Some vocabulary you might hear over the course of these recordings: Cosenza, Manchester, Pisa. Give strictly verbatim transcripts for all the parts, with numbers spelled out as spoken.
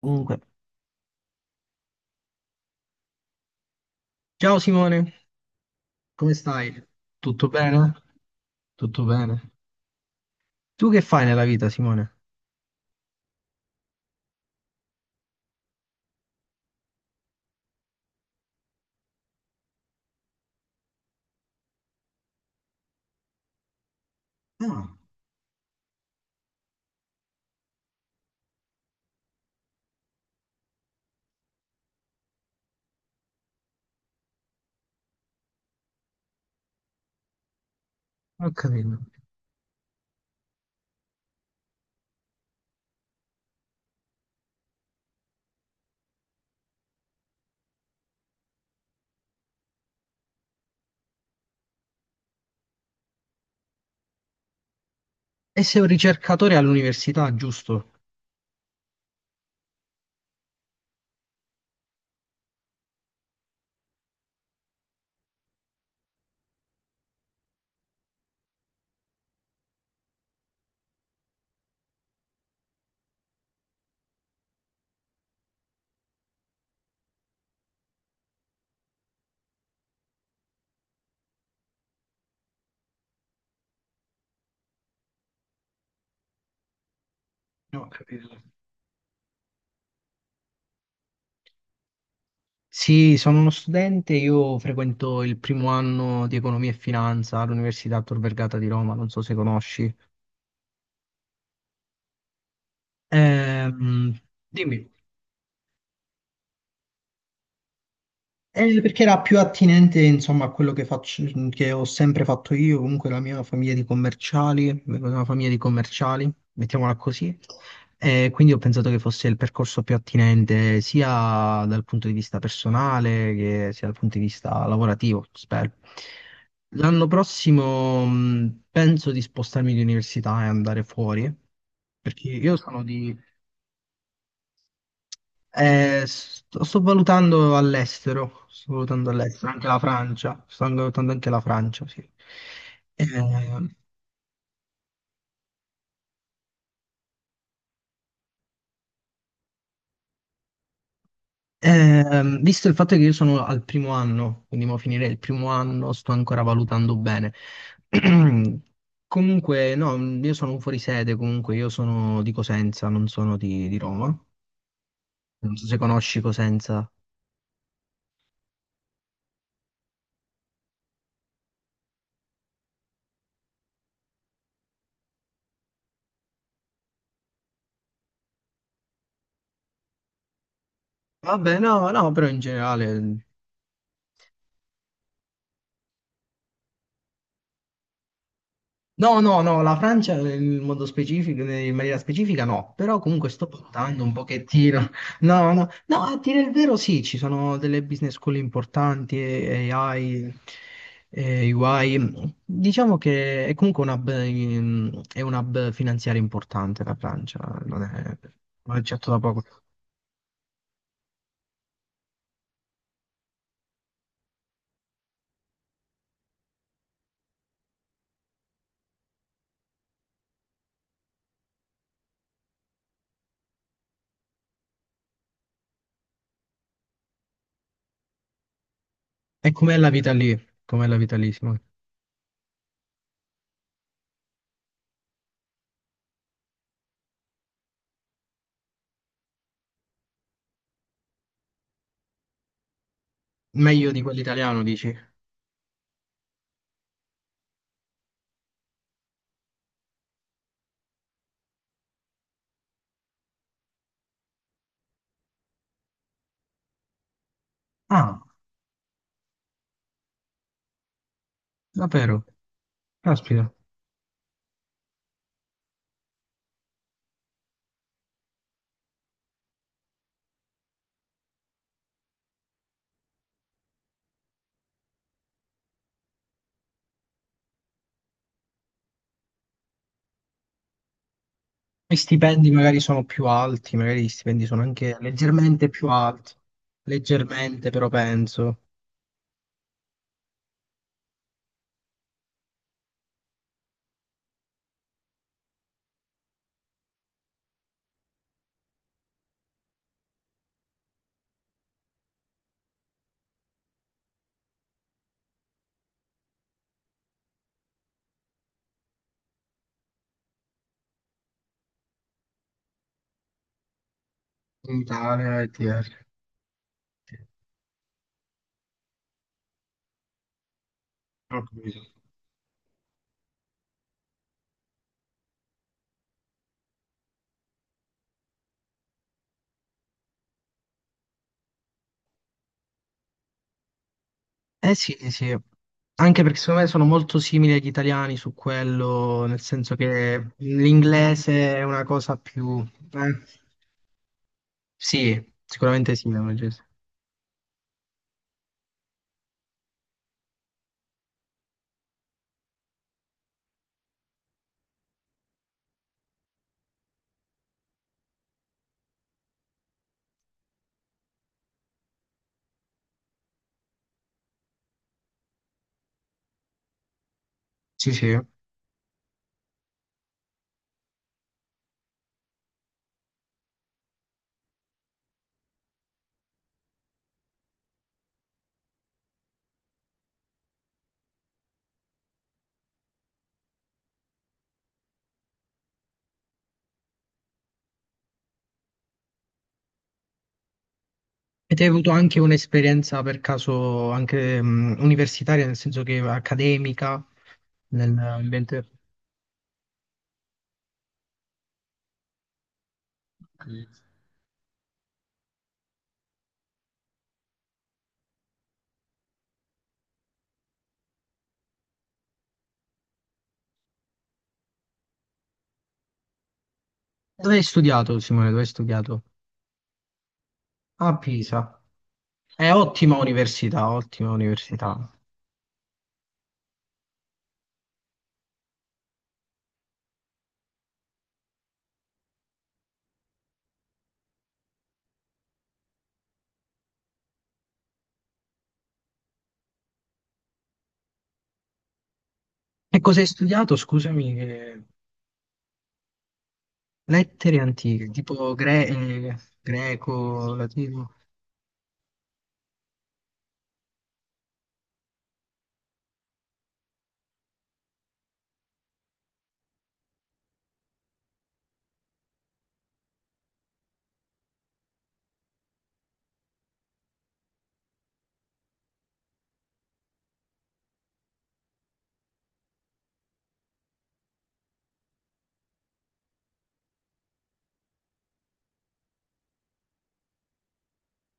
Comunque, ciao Simone, come stai? Tutto bene? Tutto bene. Tu che fai nella vita, Simone? Ah. Non ho capito. E sei un ricercatore all'università, giusto? No, ho capito. Sì, sono uno studente, io frequento il primo anno di economia e finanza all'Università Tor Vergata di Roma, non so se conosci. Ehm, dimmi. Eh, perché era più attinente, insomma, a quello che faccio, che ho sempre fatto io, comunque la mia famiglia di commerciali, vengo da una famiglia di commerciali, mettiamola così. E quindi ho pensato che fosse il percorso più attinente sia dal punto di vista personale che sia dal punto di vista lavorativo, spero. L'anno prossimo mh, penso di spostarmi di università e andare fuori, perché io sono di eh, sto, sto valutando all'estero, sto valutando all'estero, anche la Francia, sto anche valutando anche la Francia, sì. Eh, ehm, Visto il fatto che io sono al primo anno, quindi mo finire il primo anno, sto ancora valutando bene. Comunque, no, io sono un fuorisede, comunque io sono di Cosenza, non sono di, di Roma. Non so se conosci Cosenza. Vabbè, no, no, però in generale. No, no, no, la Francia in modo specifico, in maniera specifica no, però comunque sto puntando un pochettino. No, no, no, a dire il vero sì, ci sono delle business school importanti, e- A I, e U I. Diciamo che è comunque un hub, in- è un hub finanziario importante la Francia, non è, non è certo da poco. E com'è la vita lì? Com'è la vita lì, Simone? Meglio di quell'italiano, dici? Ah, davvero? Caspita. Gli stipendi magari sono più alti, magari gli stipendi sono anche leggermente più alti, leggermente però penso. In Italia e T R. Ho capito. Eh sì, sì, anche perché secondo me sono molto simili agli italiani su quello, nel senso che l'inglese è una cosa più... eh, sì, sicuramente sì, l'inglese. Sì, sì. E te hai avuto anche un'esperienza per caso anche mh, universitaria, nel senso che accademica, nell'ambiente... Ok. Dove hai studiato, Simone? Dove hai studiato? A Pisa. È ottima università, ottima università. E cosa hai studiato? Scusami, che- lettere antiche, tipo gre- eh, greco, latino.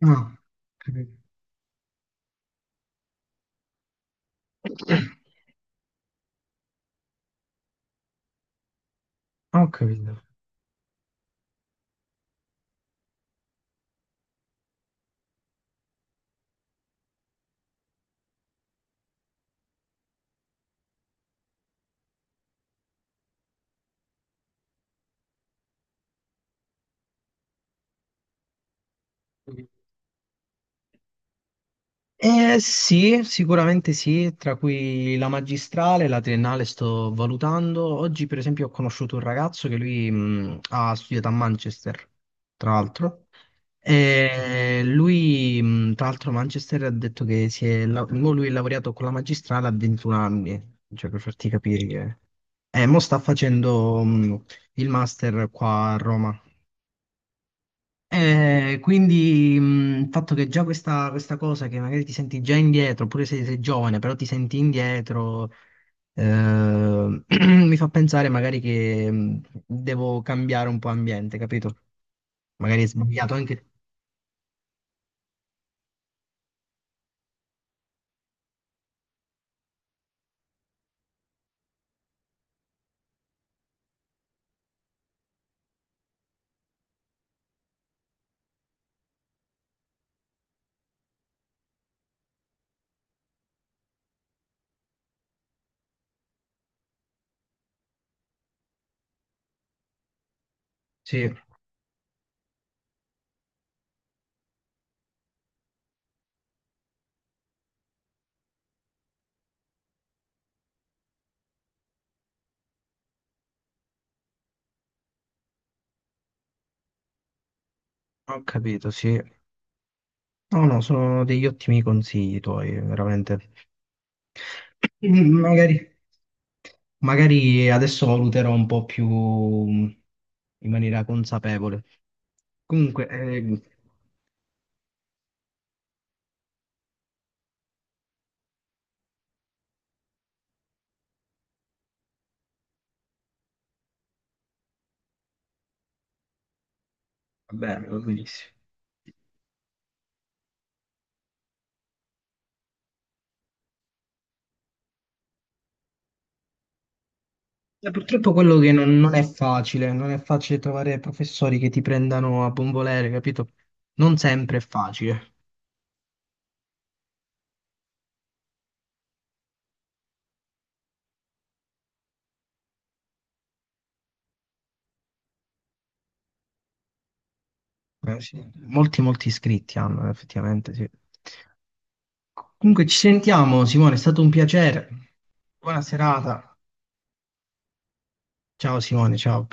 No, ho capito. Ho capito. Eh, sì, sicuramente sì, tra cui la magistrale, la triennale sto valutando. Oggi, per esempio, ho conosciuto un ragazzo che lui mh, ha studiato a Manchester, tra l'altro. E lui, mh, tra l'altro, a Manchester ha detto che si è, la- mo lui è laureato con la magistrale a ventuno anni, cioè per farti capire che... E mo sta facendo mh, il master qua a Roma. Eh, quindi mh, il fatto che già questa, questa cosa che magari ti senti già indietro, oppure se sei giovane, però ti senti indietro, eh, mi fa pensare magari che mh, devo cambiare un po' ambiente, capito? Magari è sbagliato anche. Sì, ho capito, sì. No, no, sono degli ottimi consigli tuoi, veramente. Mm, Magari, magari adesso valuterò un po' più mh, in maniera consapevole. Comunque, eh, Vabbè, va benissimo. Eh, Purtroppo quello che non, non è facile, non è facile trovare professori che ti prendano a buon volere, capito? Non sempre è facile. Eh, sì. Molti, molti iscritti hanno, eh, effettivamente, sì. Comunque ci sentiamo, Simone, è stato un piacere. Buona serata. Ciao Simone, ciao.